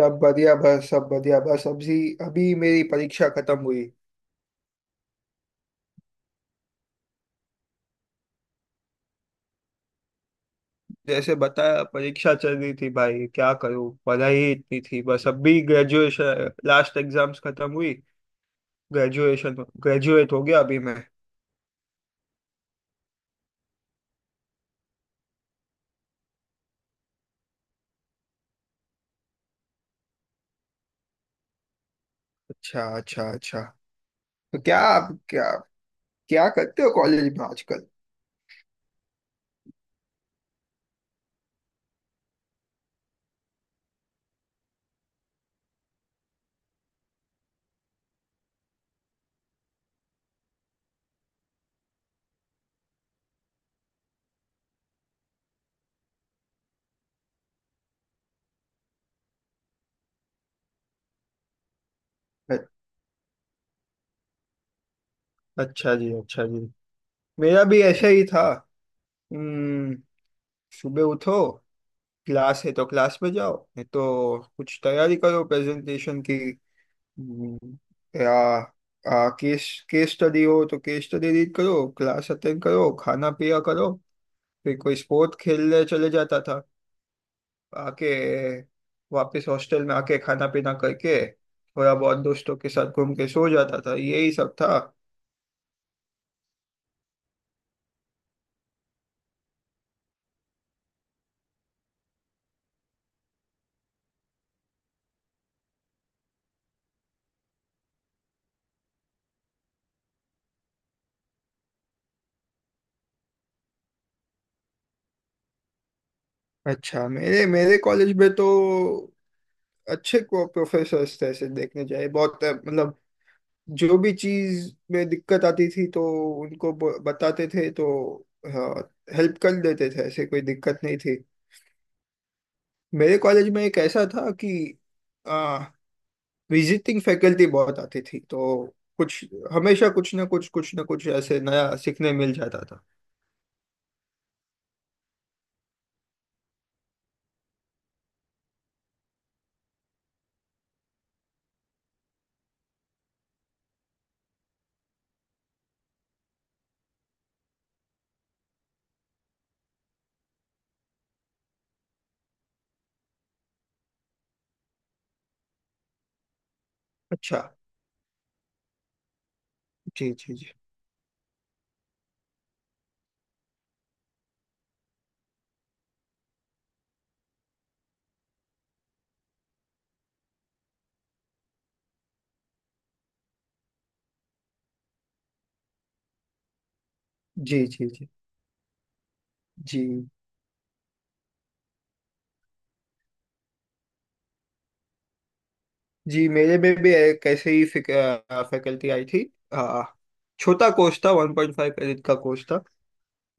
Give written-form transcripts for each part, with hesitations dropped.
सब बढ़िया बस अभी अभी मेरी परीक्षा खत्म हुई। जैसे बताया, परीक्षा चल रही थी भाई, क्या करूँ, पढ़ाई ही इतनी थी। बस अभी ग्रेजुएशन लास्ट एग्जाम्स खत्म हुई। ग्रेजुएशन ग्रेजुएट हो गया अभी मैं। अच्छा अच्छा अच्छा। तो क्या क्या करते हो कॉलेज में आजकल? अ- अच्छा जी, अच्छा जी। मेरा भी ऐसा ही था। हम्म। सुबह उठो। क्लास है तो क्लास में जाओ, नहीं तो कुछ तैयारी करो प्रेजेंटेशन की। હમ. કે આ આ કેસ કેસ સ્ટડી हो तो केस स्टडी रीड करो। क्लास अटेंड करो, खाना पिया करो। फिर कोई स्पोर्ट खेलने चले जाता था। आके वापस हॉस्टल में आके खाना पीना करके थोड़ा बहुत दोस्तों के साथ घूम के सो जाता था। यही सब था। अच्छा। मेरे मेरे कॉलेज में तो अच्छे को प्रोफेसर्स थे ऐसे देखने जाए, बहुत मतलब। जो भी चीज में दिक्कत आती थी तो उनको बताते थे तो। हाँ। हेल्प कर देते थे, ऐसे कोई दिक्कत नहीं थी। मेरे कॉलेज में एक ऐसा था कि आ, विजिटिंग फैकल्टी बहुत आती थी। तो कुछ हमेशा कुछ ना कुछ ऐसे नया सीखने मिल जाता था। अच्छा। जी जी जी जी जी जी जी जी। मेरे में भी एक ऐसे ही फैकल्टी आई थी। आ, छोटा कोर्स था, 1.5 क्रेडिट का कोर्स था।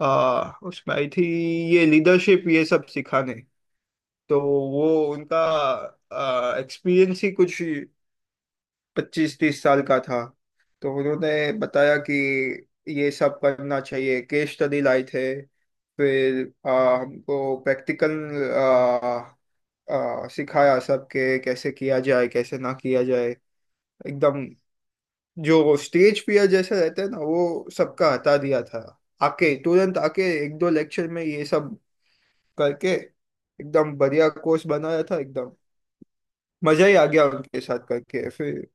हाँ, उसमें आई थी ये लीडरशिप ये सब सिखाने। तो वो उनका एक्सपीरियंस ही कुछ 25-30 साल का था। तो उन्होंने बताया कि ये सब करना चाहिए, केस स्टडी लाए थे। फिर हमको प्रैक्टिकल सिखाया सब के कैसे किया जाए कैसे ना किया जाए, एकदम। जो स्टेज फियर जैसे रहते हैं ना, वो सबका हटा दिया था। आके तुरंत आके एक दो लेक्चर में ये सब करके एकदम बढ़िया कोर्स बनाया था, एकदम। मजा ही आ गया उनके साथ करके फिर।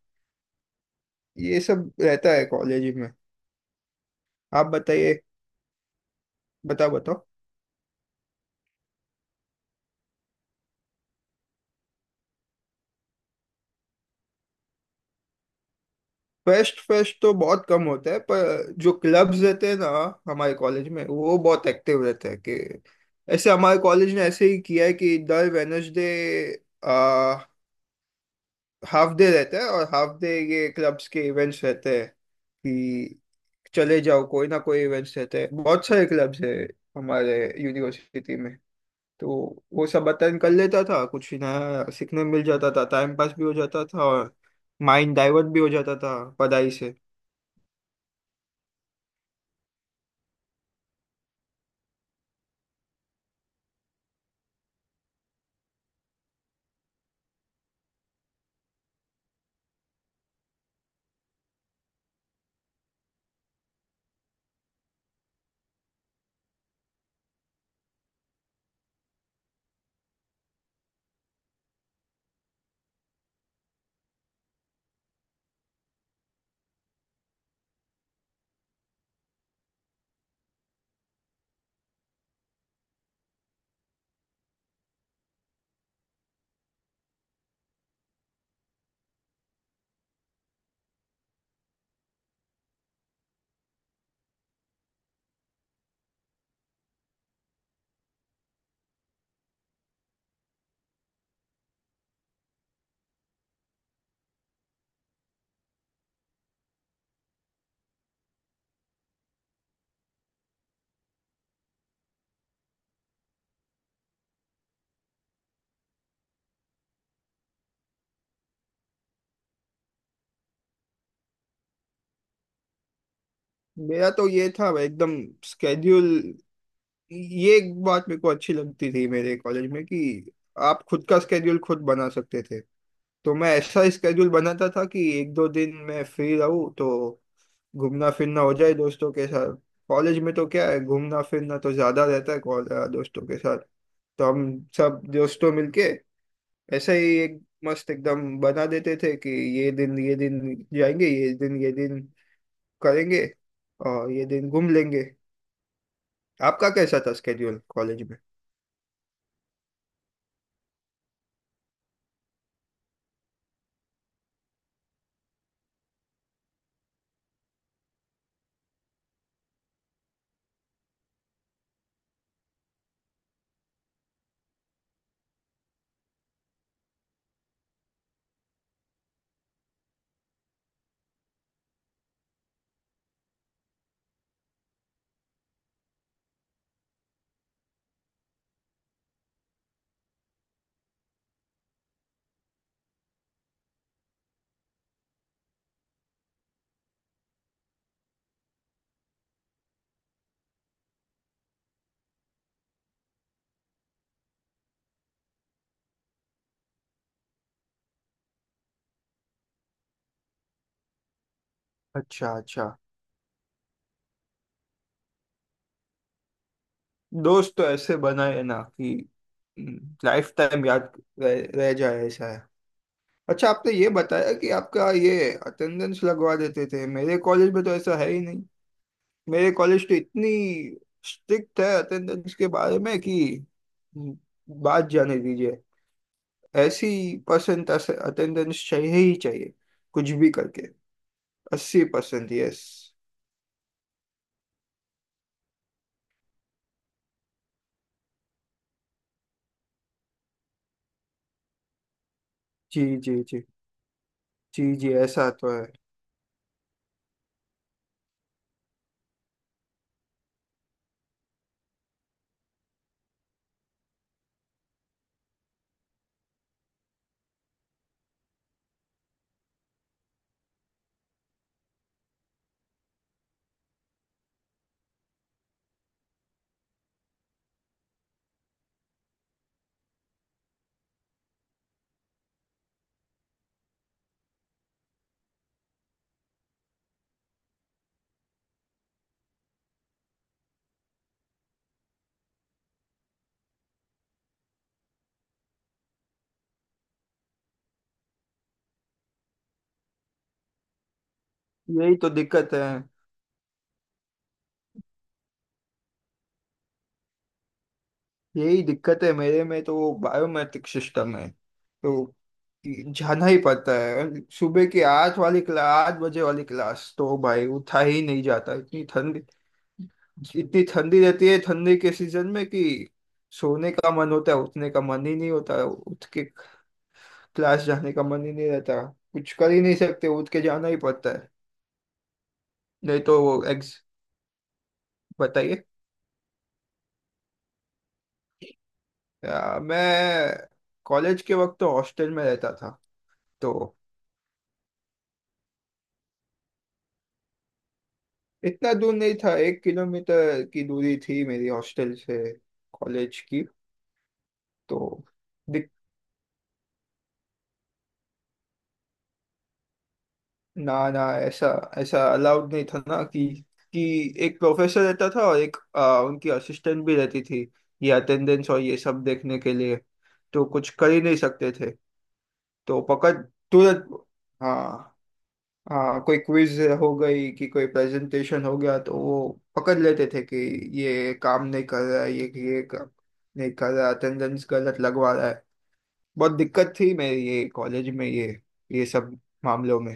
ये सब रहता है कॉलेज में। आप बताइए। बताओ बताओ। फेस्ट फेस्ट तो बहुत कम होता है, पर जो क्लब्स रहते हैं ना हमारे कॉलेज में, वो बहुत एक्टिव रहते हैं। कि ऐसे हमारे कॉलेज ने ऐसे ही किया है कि दर वेनसडे आ हाफ डे रहता है और हाफ डे ये क्लब्स के इवेंट्स रहते हैं। कि चले जाओ, कोई ना कोई इवेंट्स रहते हैं, बहुत सारे क्लब्स है हमारे यूनिवर्सिटी में। तो वो सब अटेंड कर लेता था, कुछ नया सीखने मिल जाता था, टाइम पास भी हो जाता था और माइंड डाइवर्ट भी हो जाता था पढ़ाई से। मेरा तो ये था एकदम स्केड्यूल। ये एक बात मेरे को अच्छी लगती थी मेरे कॉलेज में कि आप खुद का स्केड्यूल खुद बना सकते थे। तो मैं ऐसा स्केड्यूल बनाता था कि एक दो दिन मैं फ्री रहूँ तो घूमना फिरना हो जाए दोस्तों के साथ। कॉलेज में तो क्या है, घूमना फिरना तो ज्यादा रहता है दोस्तों के साथ। तो हम सब दोस्तों मिलके ऐसे ही एक मस्त एकदम बना देते थे कि ये दिन जाएंगे, ये दिन करेंगे और ये दिन घूम लेंगे। आपका कैसा था स्केड्यूल कॉलेज में? अच्छा अच्छा। दोस्त तो ऐसे बनाए हैं ना कि लाइफ टाइम याद रह जाए, ऐसा है। अच्छा आपने ये बताया कि आपका ये अटेंडेंस लगवा देते थे, मेरे कॉलेज में तो ऐसा है ही नहीं। मेरे कॉलेज तो इतनी स्ट्रिक्ट है अटेंडेंस के बारे में कि हम्म, बात जाने दीजिए। ऐसी परसेंट अटेंडेंस चाहिए ही चाहिए, कुछ भी करके। 80%, यस। जी जी जी जी जी, ऐसा तो है। यही तो दिक्कत है। यही दिक्कत है मेरे में। तो वो बायोमेट्रिक सिस्टम है तो जाना ही पड़ता है। सुबह की आठ वाली क्लास, 8 बजे वाली क्लास तो भाई उठा ही नहीं जाता, इतनी ठंडी। इतनी ठंडी रहती है ठंडी के सीजन में कि सोने का मन होता है, उठने का मन ही नहीं होता। उठ के क्लास जाने का मन ही नहीं रहता। कुछ कर ही नहीं सकते, उठ के जाना ही पड़ता है। नहीं तो वो एग्ज बताइए। मैं कॉलेज के वक्त तो हॉस्टल में रहता था तो। इतना दूर नहीं था, 1 किलोमीटर की दूरी थी मेरी हॉस्टल से कॉलेज की। तो दिक, ना ना, ऐसा ऐसा अलाउड नहीं था ना कि कि एक प्रोफेसर रहता था और एक उनकी असिस्टेंट भी रहती थी, ये अटेंडेंस और ये सब देखने के लिए। तो कुछ कर ही नहीं सकते थे। तो पकड़ तुरंत। हाँ। हाँ, कोई क्विज हो गई कि कोई प्रेजेंटेशन हो गया तो वो पकड़ लेते थे कि ये काम नहीं कर रहा है, ये काम नहीं कर रहा, अटेंडेंस गलत लगवा रहा है। बहुत दिक्कत थी मेरी ये कॉलेज में, ये सब मामलों में।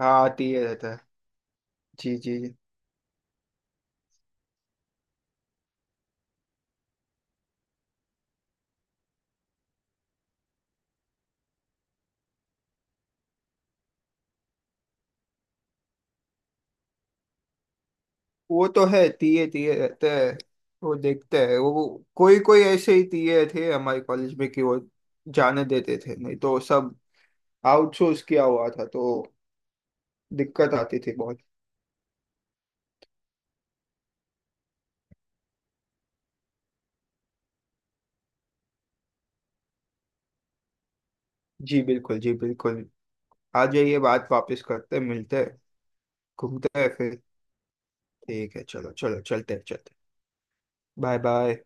हाँ, टीए रहता है। जी जी जी। वो तो है, टीए टीए रहते हैं, वो देखते हैं। वो कोई कोई ऐसे ही टीए थे हमारे कॉलेज में कि वो जाने देते थे, नहीं तो सब आउटसोर्स किया हुआ था तो दिक्कत आती थी बहुत। जी बिल्कुल, जी बिल्कुल। आ जाइए, बात वापस करते हैं, मिलते हैं, घूमते हैं फिर। ठीक है, चलो चलो, चलते हैं, चलते। Bye bye.